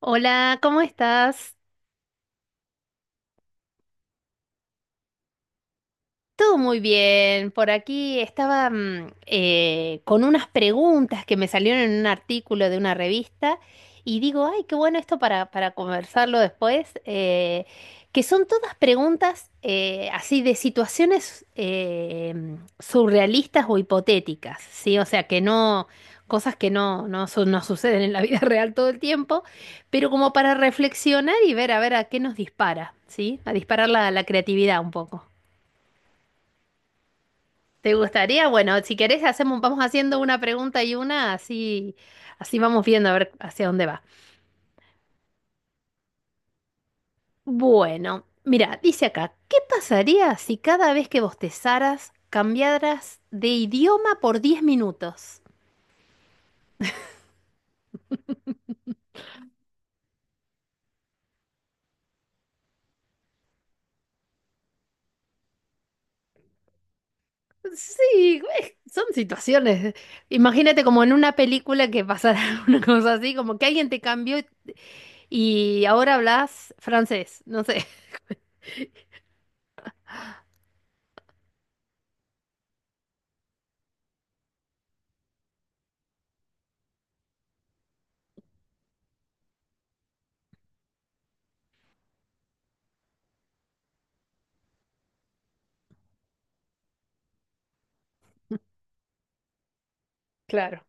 Hola, ¿cómo estás? Todo muy bien. Por aquí estaba con unas preguntas que me salieron en un artículo de una revista y digo, ay, qué bueno esto para conversarlo después, que son todas preguntas así de situaciones surrealistas o hipotéticas, ¿sí? O sea, que no, cosas que no suceden en la vida real todo el tiempo, pero como para reflexionar y ver a ver a qué nos dispara, ¿sí? A disparar la creatividad un poco. ¿Te gustaría? Bueno, si querés hacemos, vamos haciendo una pregunta y una, así, así vamos viendo a ver hacia dónde va. Bueno, mira, dice acá, ¿qué pasaría si cada vez que bostezaras cambiaras de idioma por 10 minutos? Sí, güey, son situaciones. Imagínate como en una película que pasara una cosa así, como que alguien te cambió y ahora hablas francés, no sé. Claro.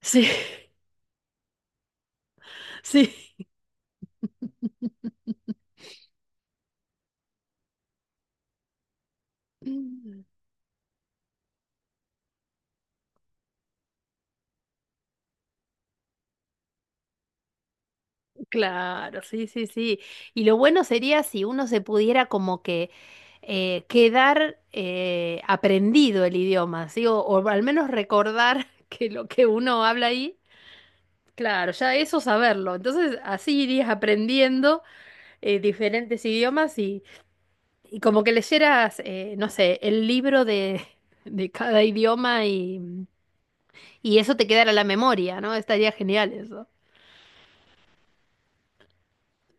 Sí, sí. Claro, sí, sí, sí. Y lo bueno sería si uno se pudiera como que quedar aprendido el idioma, ¿sí? O al menos recordar que lo que uno habla ahí, claro, ya eso saberlo. Entonces así irías aprendiendo diferentes idiomas y como que leyeras, no sé, el libro de, de cada idioma y eso te quedara en la memoria, ¿no? Estaría genial eso.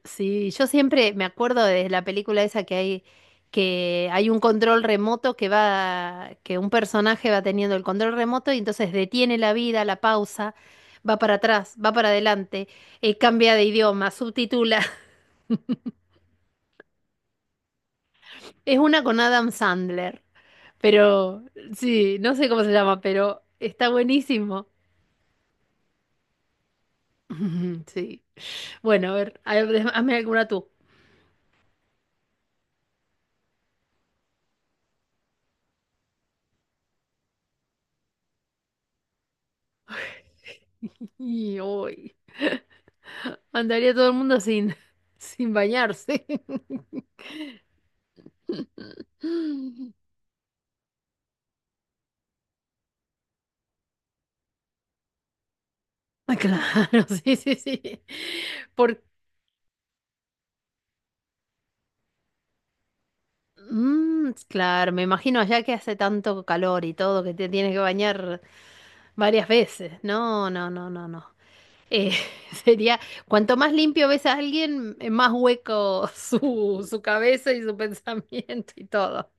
Sí, yo siempre me acuerdo de la película esa que hay un control remoto que va, que un personaje va teniendo el control remoto y entonces detiene la vida, la pausa, va para atrás, va para adelante, cambia de idioma, subtitula. Es una con Adam Sandler, pero sí, no sé cómo se llama, pero está buenísimo. Sí. Bueno, a ver, hazme alguna tú. Y hoy andaría todo el mundo sin, sin bañarse. Ah. Claro, sí, sí, sí. Por... Mm, claro, me imagino allá que hace tanto calor y todo que te tienes que bañar varias veces. No, no, no, no, no. Eh, sería, cuanto más limpio ves a alguien, más hueco su cabeza y su pensamiento y todo.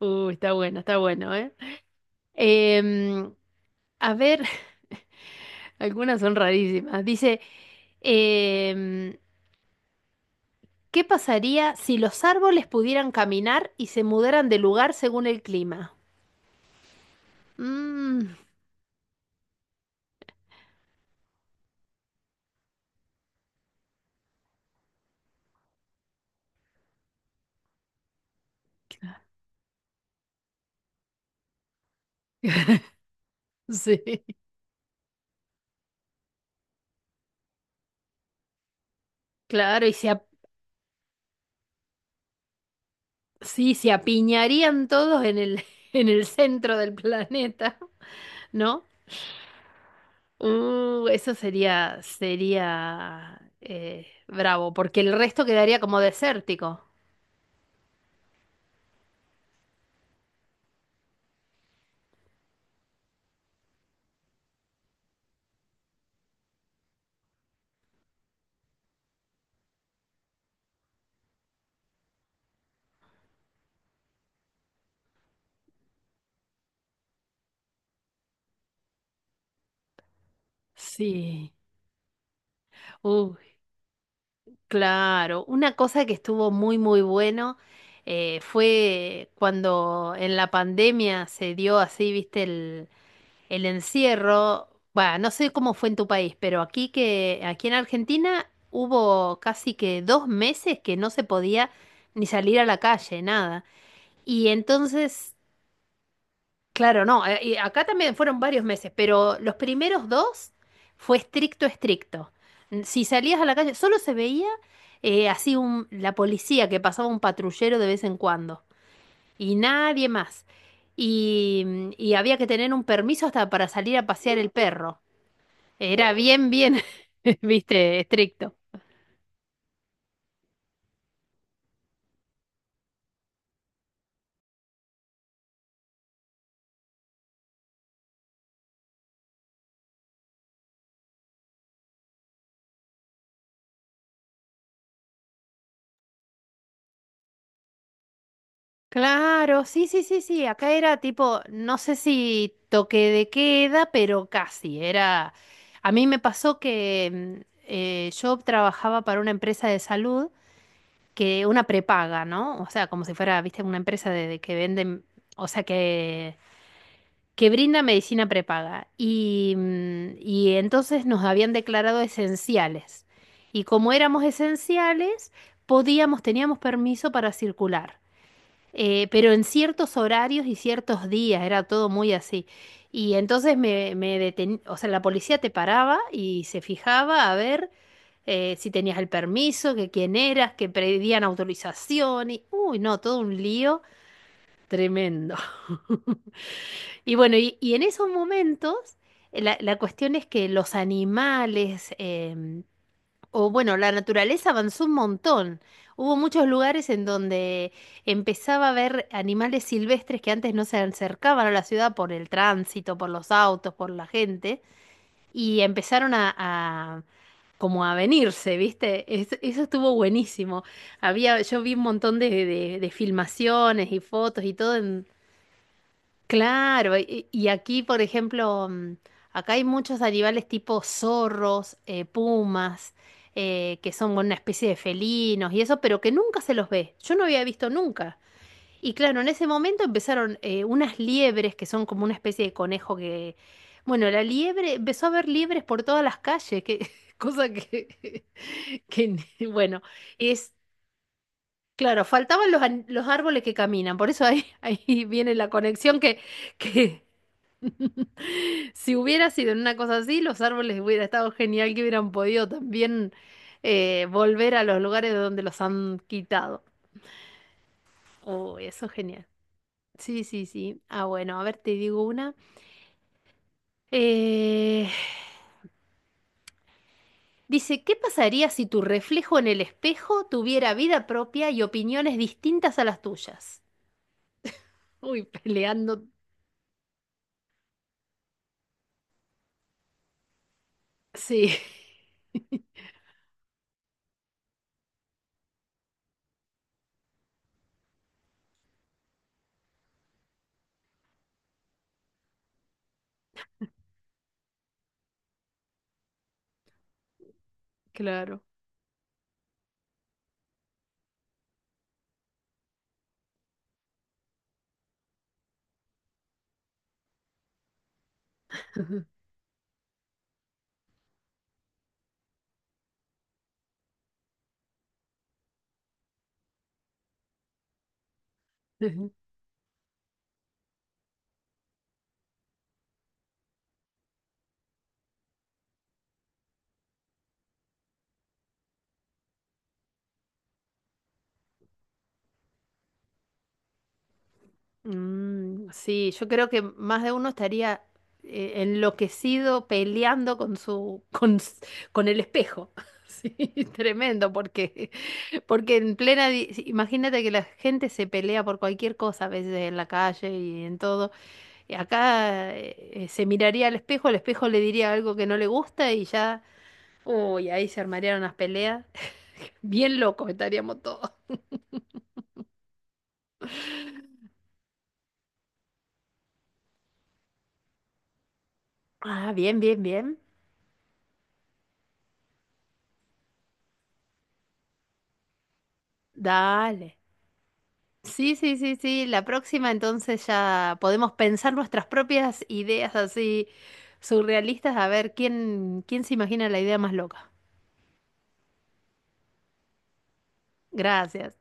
Uy, está bueno, ¿eh? Em, a ver, algunas son rarísimas. Dice, em, ¿qué pasaría si los árboles pudieran caminar y se mudaran de lugar según el clima? Mm. Sí. Claro, sí, se apiñarían todos en el, en el centro del planeta, ¿no? Eso sería, sería bravo, porque el resto quedaría como desértico. Sí. Uh, claro, una cosa que estuvo muy muy bueno fue cuando en la pandemia se dio así, viste, el encierro. Bueno, no sé cómo fue en tu país, pero aquí que, aquí en Argentina hubo casi que 2 meses que no se podía ni salir a la calle, nada. Y entonces claro, no, y acá también fueron varios meses, pero los primeros 2 fue estricto, estricto. Si salías a la calle, solo se veía así un, la policía que pasaba un patrullero de vez en cuando y nadie más. Y, y había que tener un permiso hasta para salir a pasear el perro. Era bien, bien, viste, estricto. Claro, sí, sí, sí, sí. Acá era tipo, no sé si toque de queda, pero casi. Era. A mí me pasó que yo trabajaba para una empresa de salud que una prepaga, ¿no? O sea, como si fuera, viste, una empresa de que venden, o sea, que brinda medicina prepaga. Y y entonces nos habían declarado esenciales. Y como éramos esenciales, podíamos, teníamos permiso para circular pero en ciertos horarios y ciertos días, era todo muy así. Y entonces o sea, la policía te paraba y se fijaba a ver si tenías el permiso, que quién eras, que pedían autorización y, uy, no, todo un lío tremendo. Y bueno, y en esos momentos, la cuestión es que los animales, o bueno, la naturaleza avanzó un montón. Hubo muchos lugares en donde empezaba a ver animales silvestres que antes no se acercaban a la ciudad por el tránsito, por los autos, por la gente, y empezaron como a venirse, ¿viste? Eso estuvo buenísimo. Había, yo vi un montón de filmaciones y fotos y todo. Claro, y aquí, por ejemplo, acá hay muchos animales tipo zorros, pumas, que son una especie de felinos y eso, pero que nunca se los ve. Yo no había visto nunca. Y claro, en ese momento empezaron unas liebres que son como una especie de conejo que, bueno, la liebre, empezó a haber liebres por todas las calles, que cosa que, que bueno, es claro, faltaban los árboles que caminan, por eso ahí, ahí viene la conexión que si hubiera sido en una cosa así, los árboles hubiera estado genial que hubieran podido también volver a los lugares de donde los han quitado. Oh, eso es genial. Sí, sí, sí. Ah, bueno, a ver, te digo una. Eh, Dice, ¿qué pasaría si tu reflejo en el espejo tuviera vida propia y opiniones distintas a las tuyas? Uy, peleando. Sí, claro. Mm, sí, yo creo que más de uno estaría enloquecido peleando con su con el espejo. Sí, tremendo, porque porque en plena di- si- imagínate que la gente se pelea por cualquier cosa a veces en la calle y en todo. Y acá se miraría al espejo, el espejo le diría algo que no le gusta y ya, uy, ahí se armarían unas peleas. Bien locos estaríamos todos. Ah, bien, bien, bien. Dale. Sí, sí, sí, sí. La próxima entonces ya podemos pensar nuestras propias ideas así surrealistas a ver quién, quién se imagina la idea más loca. Gracias.